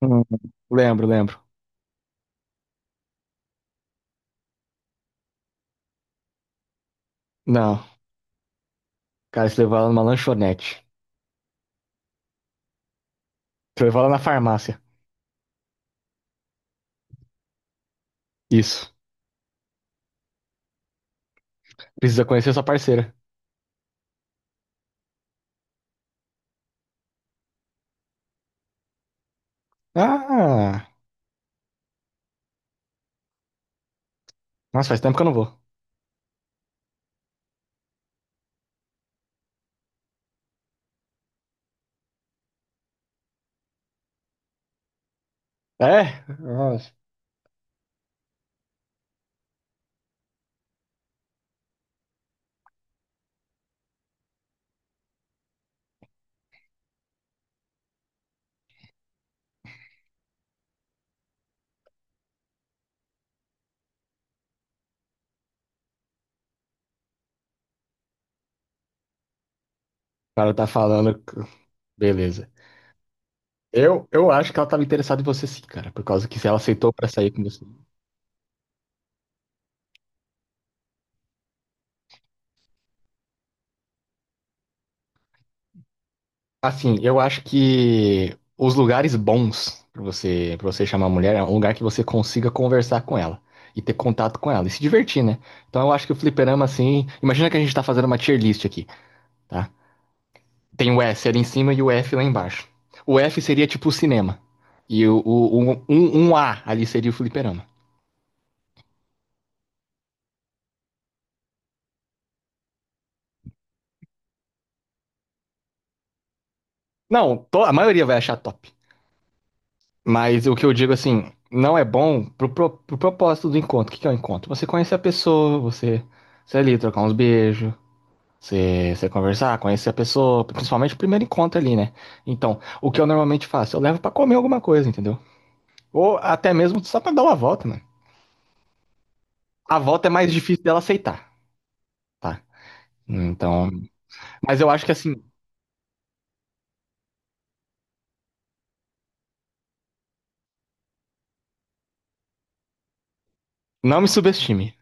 Hum, lembro, lembro. Não, cara, você levou ela numa lanchonete. Você levou ela na farmácia. Isso. Precisa conhecer sua parceira. Ah, nossa, faz tempo que eu não vou. É? Nossa. O cara tá falando. Beleza. Eu acho que ela tava interessada em você sim, cara. Por causa que se ela aceitou pra sair com você. Assim, eu acho que os lugares bons para você chamar a mulher é um lugar que você consiga conversar com ela e ter contato com ela e se divertir, né? Então eu acho que o fliperama, assim, imagina que a gente tá fazendo uma tier list aqui, tá? Tem o S ali em cima e o F lá embaixo. O F seria tipo o cinema. E um A ali seria o fliperama. Não, to- A maioria vai achar top. Mas o que eu digo assim, não é bom pro propósito do encontro. O que que é o encontro? Você conhecer a pessoa, você, você ali, trocar uns beijos. Você, você conversar, conhecer a pessoa, principalmente o primeiro encontro ali, né? Então, o que eu normalmente faço? Eu levo pra comer alguma coisa, entendeu? Ou até mesmo só pra dar uma volta, mano. A volta é mais difícil dela aceitar, tá? Então, mas eu acho que assim, não me subestime.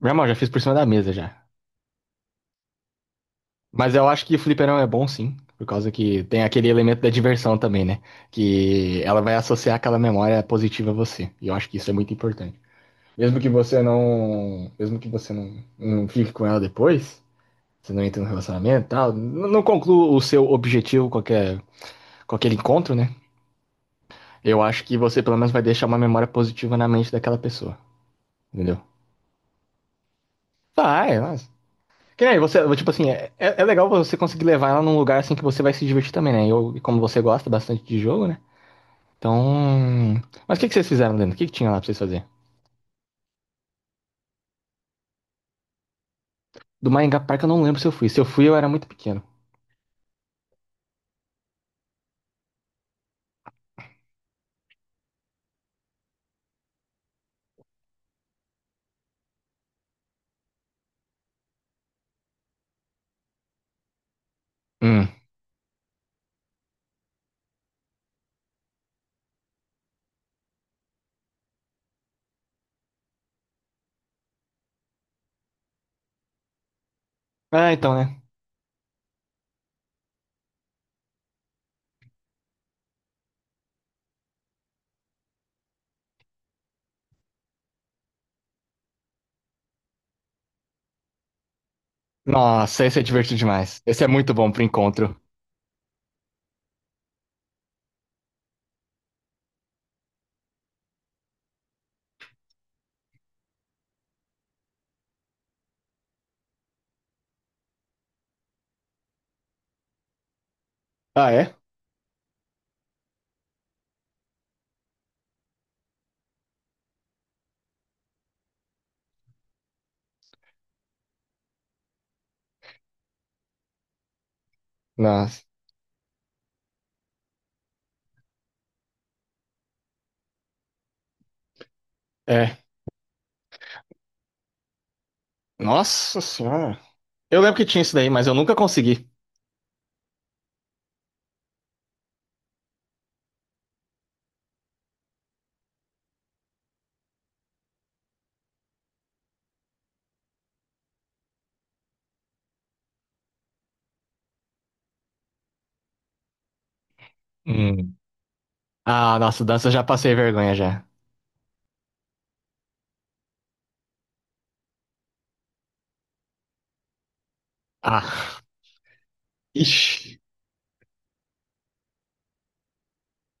Meu irmão, já fiz por cima da mesa já. Mas eu acho que o fliperão é bom sim, por causa que tem aquele elemento da diversão também, né? Que ela vai associar aquela memória positiva a você. E eu acho que isso é muito importante. Mesmo que você não, mesmo que você não, não fique com ela depois, você não entra no relacionamento tal. Não conclua o seu objetivo com aquele encontro, né? Eu acho que você pelo menos vai deixar uma memória positiva na mente daquela pessoa. Entendeu? Vai, mas. Que nem você, tipo assim, é legal você conseguir levar ela num lugar assim que você vai se divertir também, né? E como você gosta bastante de jogo, né? Então. Mas o que, que vocês fizeram, Leandro? O que, que tinha lá pra vocês fazer? Do Maringá Park eu não lembro se eu fui. Se eu fui, eu era muito pequeno. Hum. Ah, então, né? Nossa, esse é divertido demais. Esse é muito bom pro encontro. Ah, é? Nossa. É. Nossa senhora. Eu lembro que tinha isso daí, mas eu nunca consegui. Hum. Ah, nossa, dança eu já passei vergonha já. Ah, ixi.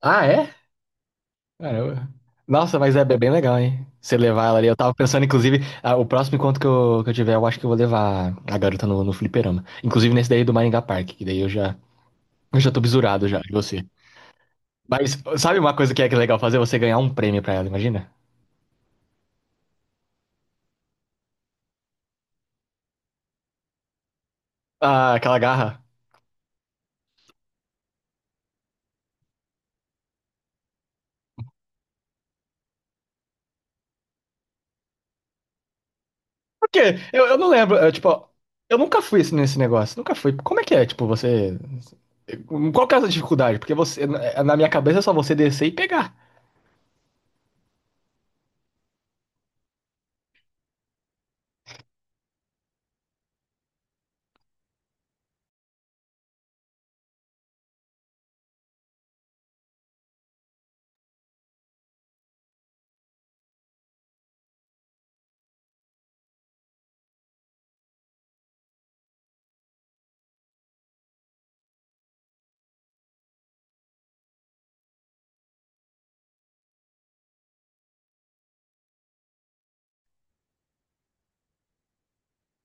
Ah, é? Caramba. Nossa, mas é bem legal, hein? Você levar ela ali. Eu tava pensando, inclusive, ah, o próximo encontro que eu tiver, eu acho que eu vou levar a garota no fliperama. Inclusive nesse daí do Maringá Park, que daí eu já tô bisurado já de você. Mas sabe uma coisa que é legal fazer? Você ganhar um prêmio pra ela, imagina? Ah, aquela garra. Por quê? Eu não lembro, eu, tipo, eu nunca fui assim, nesse negócio, nunca fui. Como é que é, tipo, você... Qual que é essa dificuldade? Porque você, na é, na minha cabeça é só você descer e pegar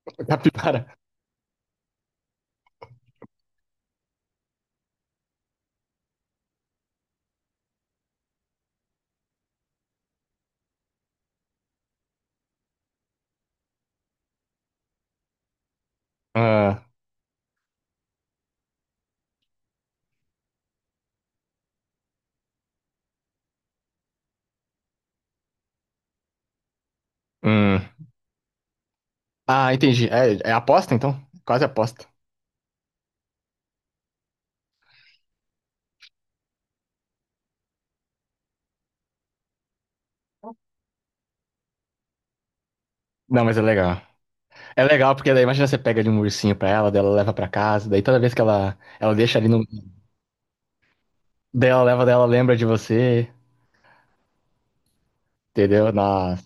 capivara. Ah, hum. Ah, entendi. É aposta, então? Quase aposta. Não, mas é legal. É legal porque daí, imagina você pega ali um ursinho pra ela, daí ela leva pra casa, daí toda vez que ela deixa ali no... Daí ela leva, daí ela lembra de você, entendeu? Nossa,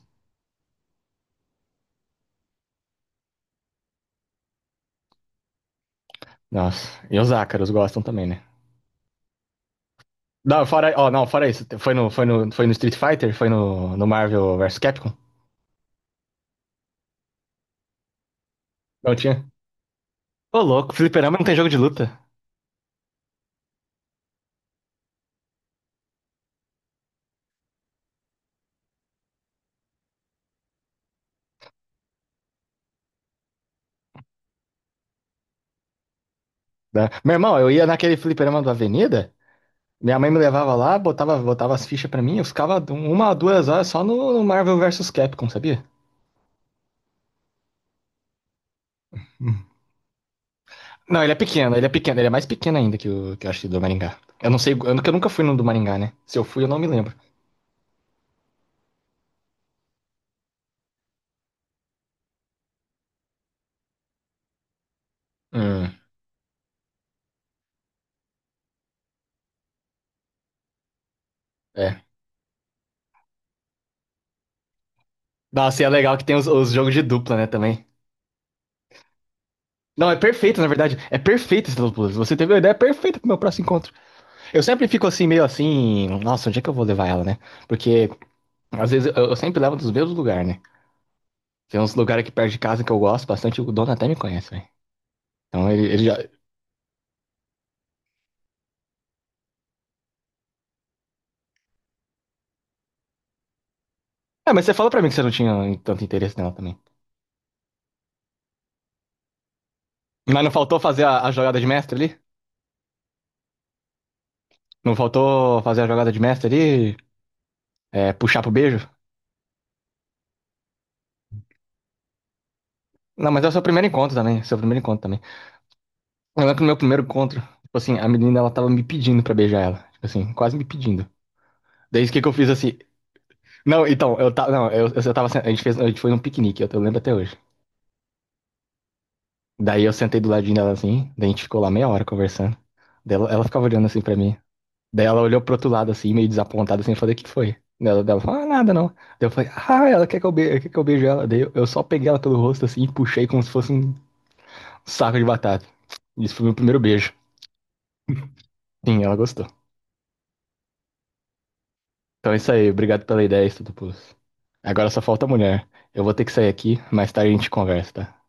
nossa. E os ácaros gostam também, né? Não, fora, ó, não, fora isso. Foi no Street Fighter? Foi no Marvel vs Capcom? Não tinha? Ô, louco, fliperama não tem jogo de luta. Né? Meu irmão, eu ia naquele fliperama da Avenida, minha mãe me levava lá, botava as fichas pra mim, eu ficava uma, a duas horas só no Marvel vs Capcom, sabia? Hum. Não, ele é pequeno, ele é pequeno, ele é mais pequeno ainda que o que eu acho que do Maringá. Eu não sei, eu nunca fui no do Maringá, né? Se eu fui, eu não me lembro. Hum, é. Nossa, e é legal que tem os jogos de dupla, né, também. Não, é perfeito, na verdade. É perfeito esse Los Blues. Você teve uma ideia perfeita pro meu próximo encontro. Eu sempre fico assim, meio assim, nossa, onde é que eu vou levar ela, né? Porque às vezes eu sempre levo dos mesmos lugares, né? Tem uns lugares aqui perto de casa que eu gosto bastante, o dono até me conhece, velho. Então ele já. É, mas você falou pra mim que você não tinha tanto interesse nela também. Mas não faltou fazer a jogada de mestre ali? Não faltou fazer a jogada de mestre ali? É, puxar pro beijo? Não, mas é o seu primeiro encontro também. Seu primeiro encontro também. Eu lembro que no meu primeiro encontro, tipo assim, a menina ela tava me pedindo pra beijar ela. Tipo assim, quase me pedindo. Daí o que que eu fiz assim? Não, então, eu tava. Não, eu tava. A gente fez, a gente foi num piquenique, eu lembro até hoje. Daí eu sentei do ladinho dela assim, daí a gente ficou lá meia hora conversando. Daí ela ficava olhando assim pra mim. Daí ela olhou pro outro lado assim, meio desapontada assim, eu falei, o que que foi? Daí ela falou, ah, nada não. Daí eu falei, ah, ela quer que eu beijo ela. Daí eu só peguei ela pelo rosto assim e puxei como se fosse um saco de batata. Isso foi meu primeiro beijo. Sim, ela gostou. Então é isso aí, obrigado pela ideia, Estudopoulos. Agora só falta a mulher. Eu vou ter que sair aqui, mais tarde a gente conversa, tá?